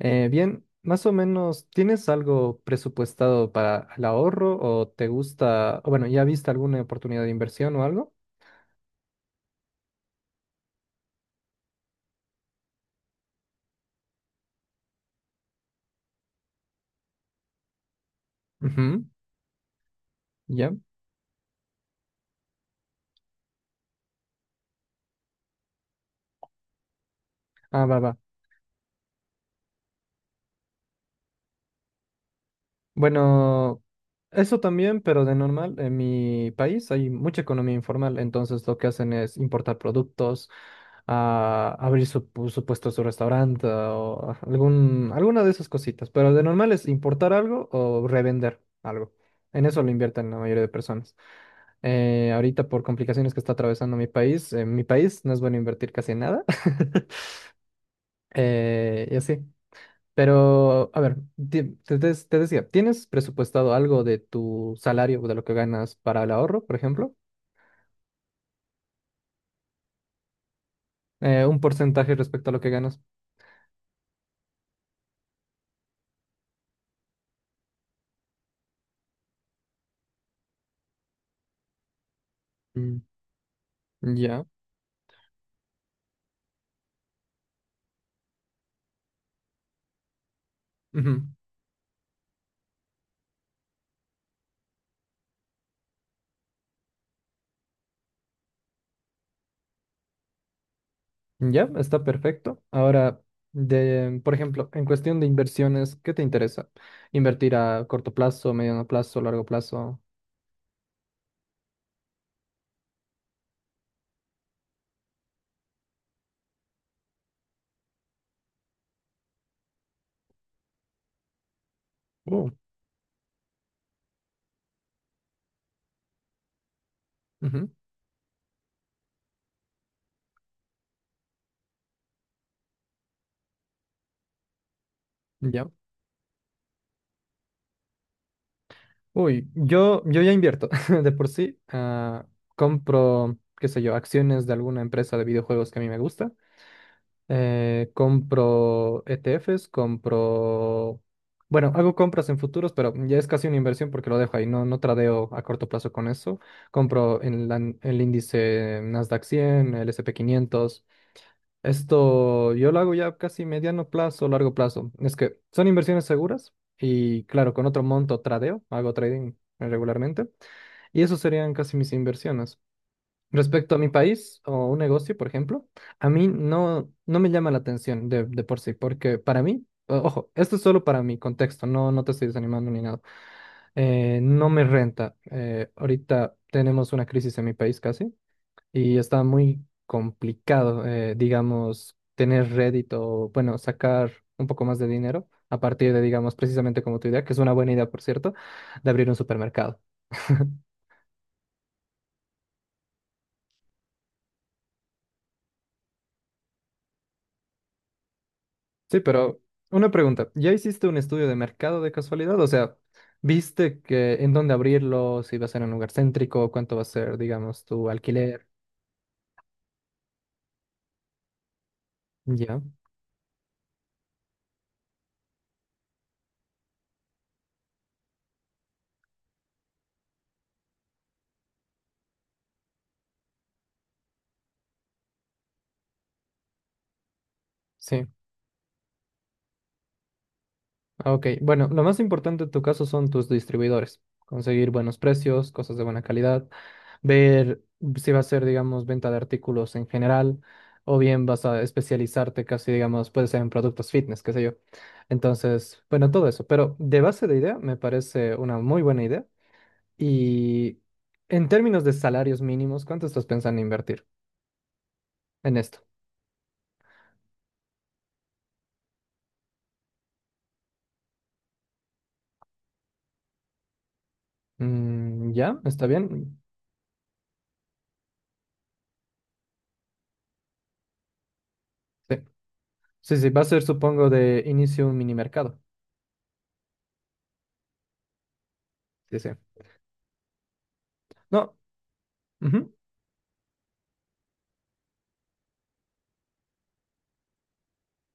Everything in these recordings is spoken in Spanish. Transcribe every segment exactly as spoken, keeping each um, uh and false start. Eh, bien, más o menos, ¿tienes algo presupuestado para el ahorro o te gusta, o bueno, ya viste alguna oportunidad de inversión o algo? Ujú, ya. Ah, va, va. Bueno, eso también, pero de normal, en mi país hay mucha economía informal, entonces lo que hacen es importar productos, ah, abrir su, pu- su puesto, su restaurante o ah, algún, alguna de esas cositas, pero de normal es importar algo o revender algo. En eso lo invierten la mayoría de personas. Eh, ahorita por complicaciones que está atravesando mi país, en mi país no es bueno invertir casi nada. Eh, y así. Pero, a ver, di- te, des- te decía, ¿tienes presupuestado algo de tu salario, o de lo que ganas para el ahorro, por ejemplo? Eh, un porcentaje respecto a lo que ganas. Mm, ya. Ujú. Ya, está perfecto. Ahora, de, por ejemplo, en cuestión de inversiones, ¿qué te interesa? ¿Invertir a corto plazo, mediano plazo, largo plazo? Oh, ujú, ya. Uy, yo, yo ya invierto de por sí. Ah, compro, qué sé yo, acciones de alguna empresa de videojuegos que a mí me gusta. Eh, compro E T Fs, compro... Bueno, hago compras en futuros, pero ya es casi una inversión porque lo dejo ahí. No, no tradeo a corto plazo con eso. Compro en la- el índice Nasdaq cien, el S and p quinientos. Esto yo lo hago ya casi mediano plazo, largo plazo. Es que son inversiones seguras y claro, con otro monto tradeo, hago trading regularmente y eso serían casi mis inversiones. Respecto a mi país o un negocio, por ejemplo, a mí no, no me llama la atención de, de por sí, porque para mí, o- ojo, esto es solo para mi contexto, no, no te estoy desanimando ni nada. Eh, no me renta. Eh, ahorita tenemos una crisis en mi país casi y está muy complicado, eh, digamos, tener rédito, o, bueno, sacar un poco más de dinero a partir de, digamos, precisamente como tu idea, que es una buena idea, por cierto, de abrir un supermercado. Sí, pero una pregunta, ¿ya hiciste un estudio de mercado de casualidad? O sea, ¿viste que en dónde abrirlo, si va a ser en un lugar céntrico, cuánto va a ser, digamos, tu alquiler? Ya, sí. Ah, ok, bueno, lo más importante en tu caso son tus distribuidores. Conseguir buenos precios, cosas de buena calidad, ver si va a ser, digamos, venta de artículos en general, o bien vas a especializarte casi, digamos, puede ser en productos fitness, qué sé yo. Entonces, bueno, todo eso. Pero de base de idea, me parece una muy buena idea. Y en términos de salarios mínimos, ¿cuánto estás pensando invertir en esto? Mm, ¿ya? ¿Está bien? Sí. Sí, sí, va a ser, supongo, de inicio un mini mercado. Sí, sí. No, ujú.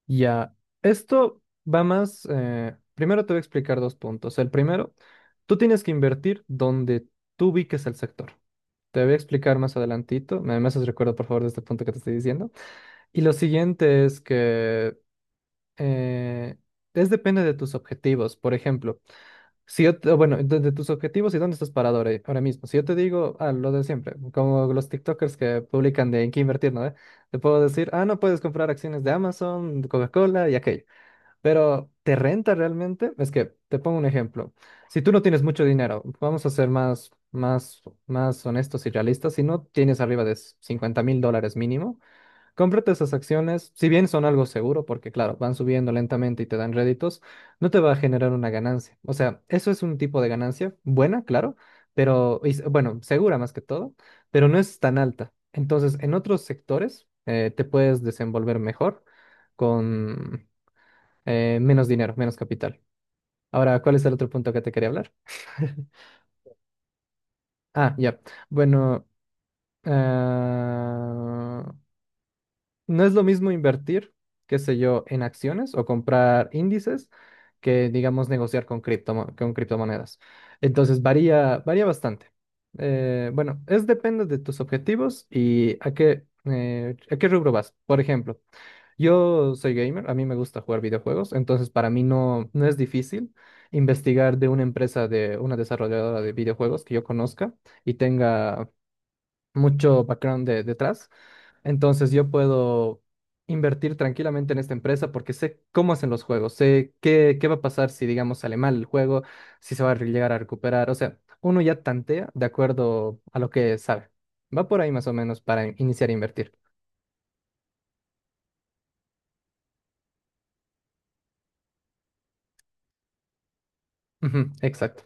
Ya, esto va más, eh, primero te voy a explicar dos puntos. El primero, tú tienes que invertir donde tú ubiques el sector. Te voy a explicar más adelantito. Me me haces recuerdo, por favor, de este punto que te estoy diciendo. Y lo siguiente es que eh, es depende de tus objetivos. Por ejemplo, si yo, te- bueno, de, de tus objetivos y dónde estás parado ahora, ahora mismo. Si yo te digo, ah, lo de siempre, como los TikTokers que publican de en qué invertir, ¿no? ¿Eh? Te puedo decir, ah, no puedes comprar acciones de Amazon, de Coca-Cola y aquello. Pero ¿te renta realmente? Es que te pongo un ejemplo. Si tú no tienes mucho dinero, vamos a ser más, más, más honestos y realistas. Si no tienes arriba de cincuenta mil dólares mínimo, cómprate esas acciones. Si bien son algo seguro, porque claro, van subiendo lentamente y te dan réditos, no te va a generar una ganancia. O sea, eso es un tipo de ganancia buena, claro, pero y s- bueno, segura más que todo, pero no es tan alta. Entonces, en otros sectores, eh, te puedes desenvolver mejor con eh, menos dinero, menos capital. Ahora, ¿cuál es el otro punto que te quería hablar? Ah, ya. Bueno, ah, no es lo mismo invertir, qué sé yo, en acciones o comprar índices que, digamos, negociar con criptomo- con criptomonedas. Entonces, varía, varía bastante. Eh, bueno, es depende de tus objetivos y a qué, eh, a qué rubro vas. Por ejemplo, yo soy gamer, a mí me gusta jugar videojuegos, entonces para mí no, no es difícil investigar de una empresa, de una desarrolladora de videojuegos que yo conozca y tenga mucho background de- detrás. Entonces yo puedo invertir tranquilamente en esta empresa porque sé cómo hacen los juegos, sé qué, qué va a pasar si, digamos, sale mal el juego, si se va a llegar a recuperar. O sea, uno ya tantea de acuerdo a lo que sabe. Va por ahí más o menos para iniciar a invertir. Ujú, exacto.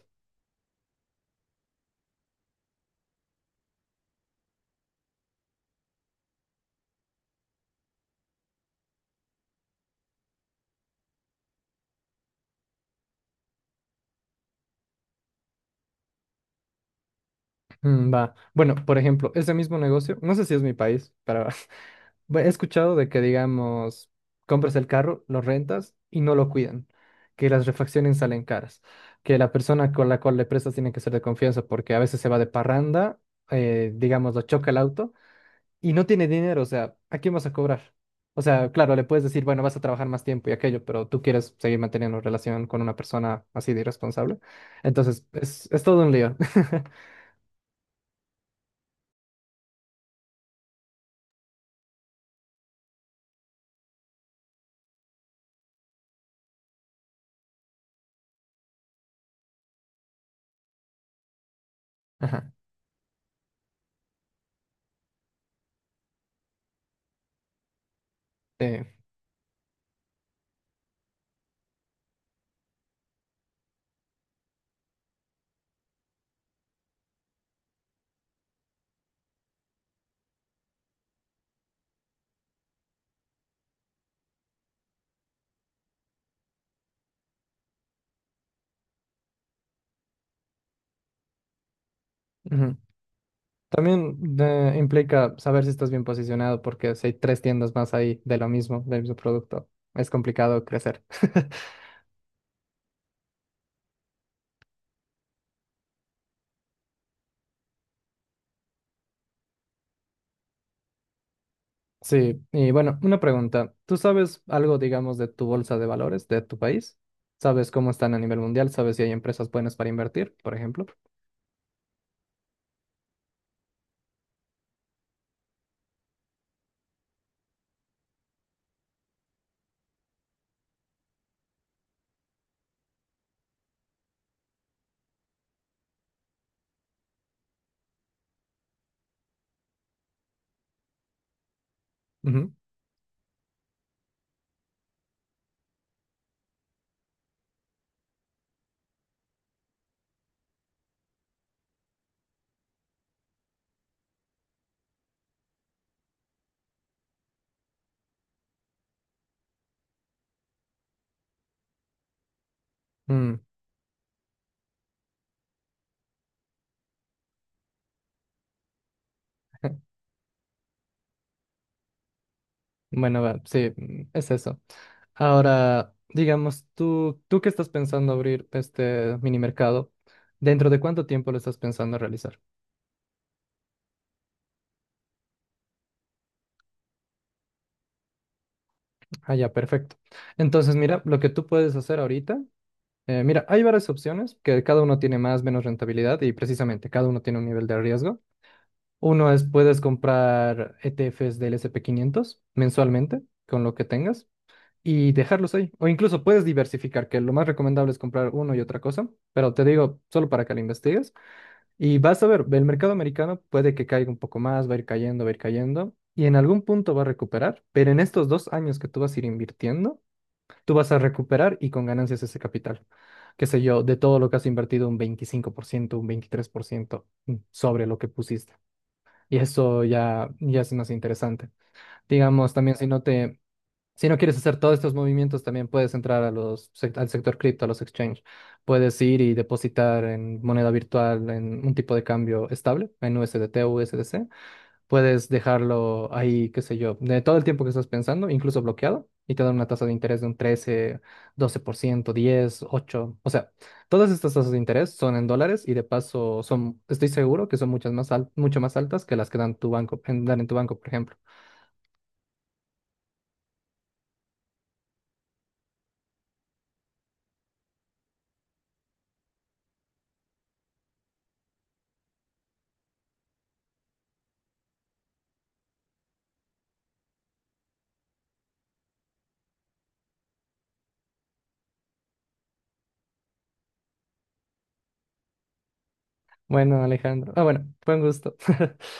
Mm, va. Bueno, por ejemplo, ese mismo negocio, no sé si es mi país, pero bu- he escuchado de que, digamos, compras el carro, lo rentas y no lo cuidan, que las refacciones salen caras, que la persona con la cual le prestas tiene que ser de confianza porque a veces se va de parranda, eh, digamos, lo choca el auto y no tiene dinero, o sea, ¿a quién vas a cobrar? O sea, claro, le puedes decir, bueno, vas a trabajar más tiempo y aquello, pero tú quieres seguir manteniendo relación con una persona así de irresponsable. Entonces, es, es todo un lío. Ajá. Ujú. También eh, implica saber si estás bien posicionado, porque si hay tres tiendas más ahí de lo mismo, del mismo producto, es complicado crecer. Sí, y bueno, una pregunta. ¿Tú sabes algo, digamos, de tu bolsa de valores de tu país? ¿Sabes cómo están a nivel mundial? ¿Sabes si hay empresas buenas para invertir, por ejemplo? Ujú. Mm, bueno, va, sí, mm, es eso. Ahora, digamos, tú, tú que estás pensando abrir este mini mercado, ¿dentro de cuánto tiempo lo estás pensando realizar? Ah, ya, perfecto. Entonces, mira, lo que tú puedes hacer ahorita, eh, mira, hay varias opciones que cada uno tiene más, menos rentabilidad y precisamente cada uno tiene un nivel de riesgo. Uno es, puedes comprar E T Fs del S&P quinientos mensualmente con lo que tengas y dejarlos ahí. O incluso puedes diversificar, que lo más recomendable es comprar uno y otra cosa, pero te digo, solo para que lo investigues. Y vas a ver, el mercado americano puede que caiga un poco más, va a ir cayendo, va a ir cayendo. Y en algún punto va a recuperar, pero en estos dos años que tú vas a ir invirtiendo, tú vas a recuperar y con ganancias ese capital, qué sé yo, de todo lo que has invertido, un veinticinco por ciento un veintitrés por ciento mm, sobre lo que pusiste. Y eso ya, ya es más interesante. Digamos, también si no te, si no quieres hacer todos estos movimientos, también puedes entrar a los, sec- al sector cripto, a los exchange. Puedes ir y depositar en moneda virtual, en un tipo de cambio estable, en U S D T o U S D C. Puedes dejarlo ahí, qué sé yo, de todo el tiempo que estás pensando, incluso bloqueado, y te dan una tasa de interés de un trece doce por ciento diez ocho. O sea, todas estas tasas de interés son en dólares y de paso son, estoy seguro que son muchas más al- mucho más altas que las que dan tu banco, en, dan en tu banco, por ejemplo. Bueno, Alejandro. Ah, bueno, fue un gusto.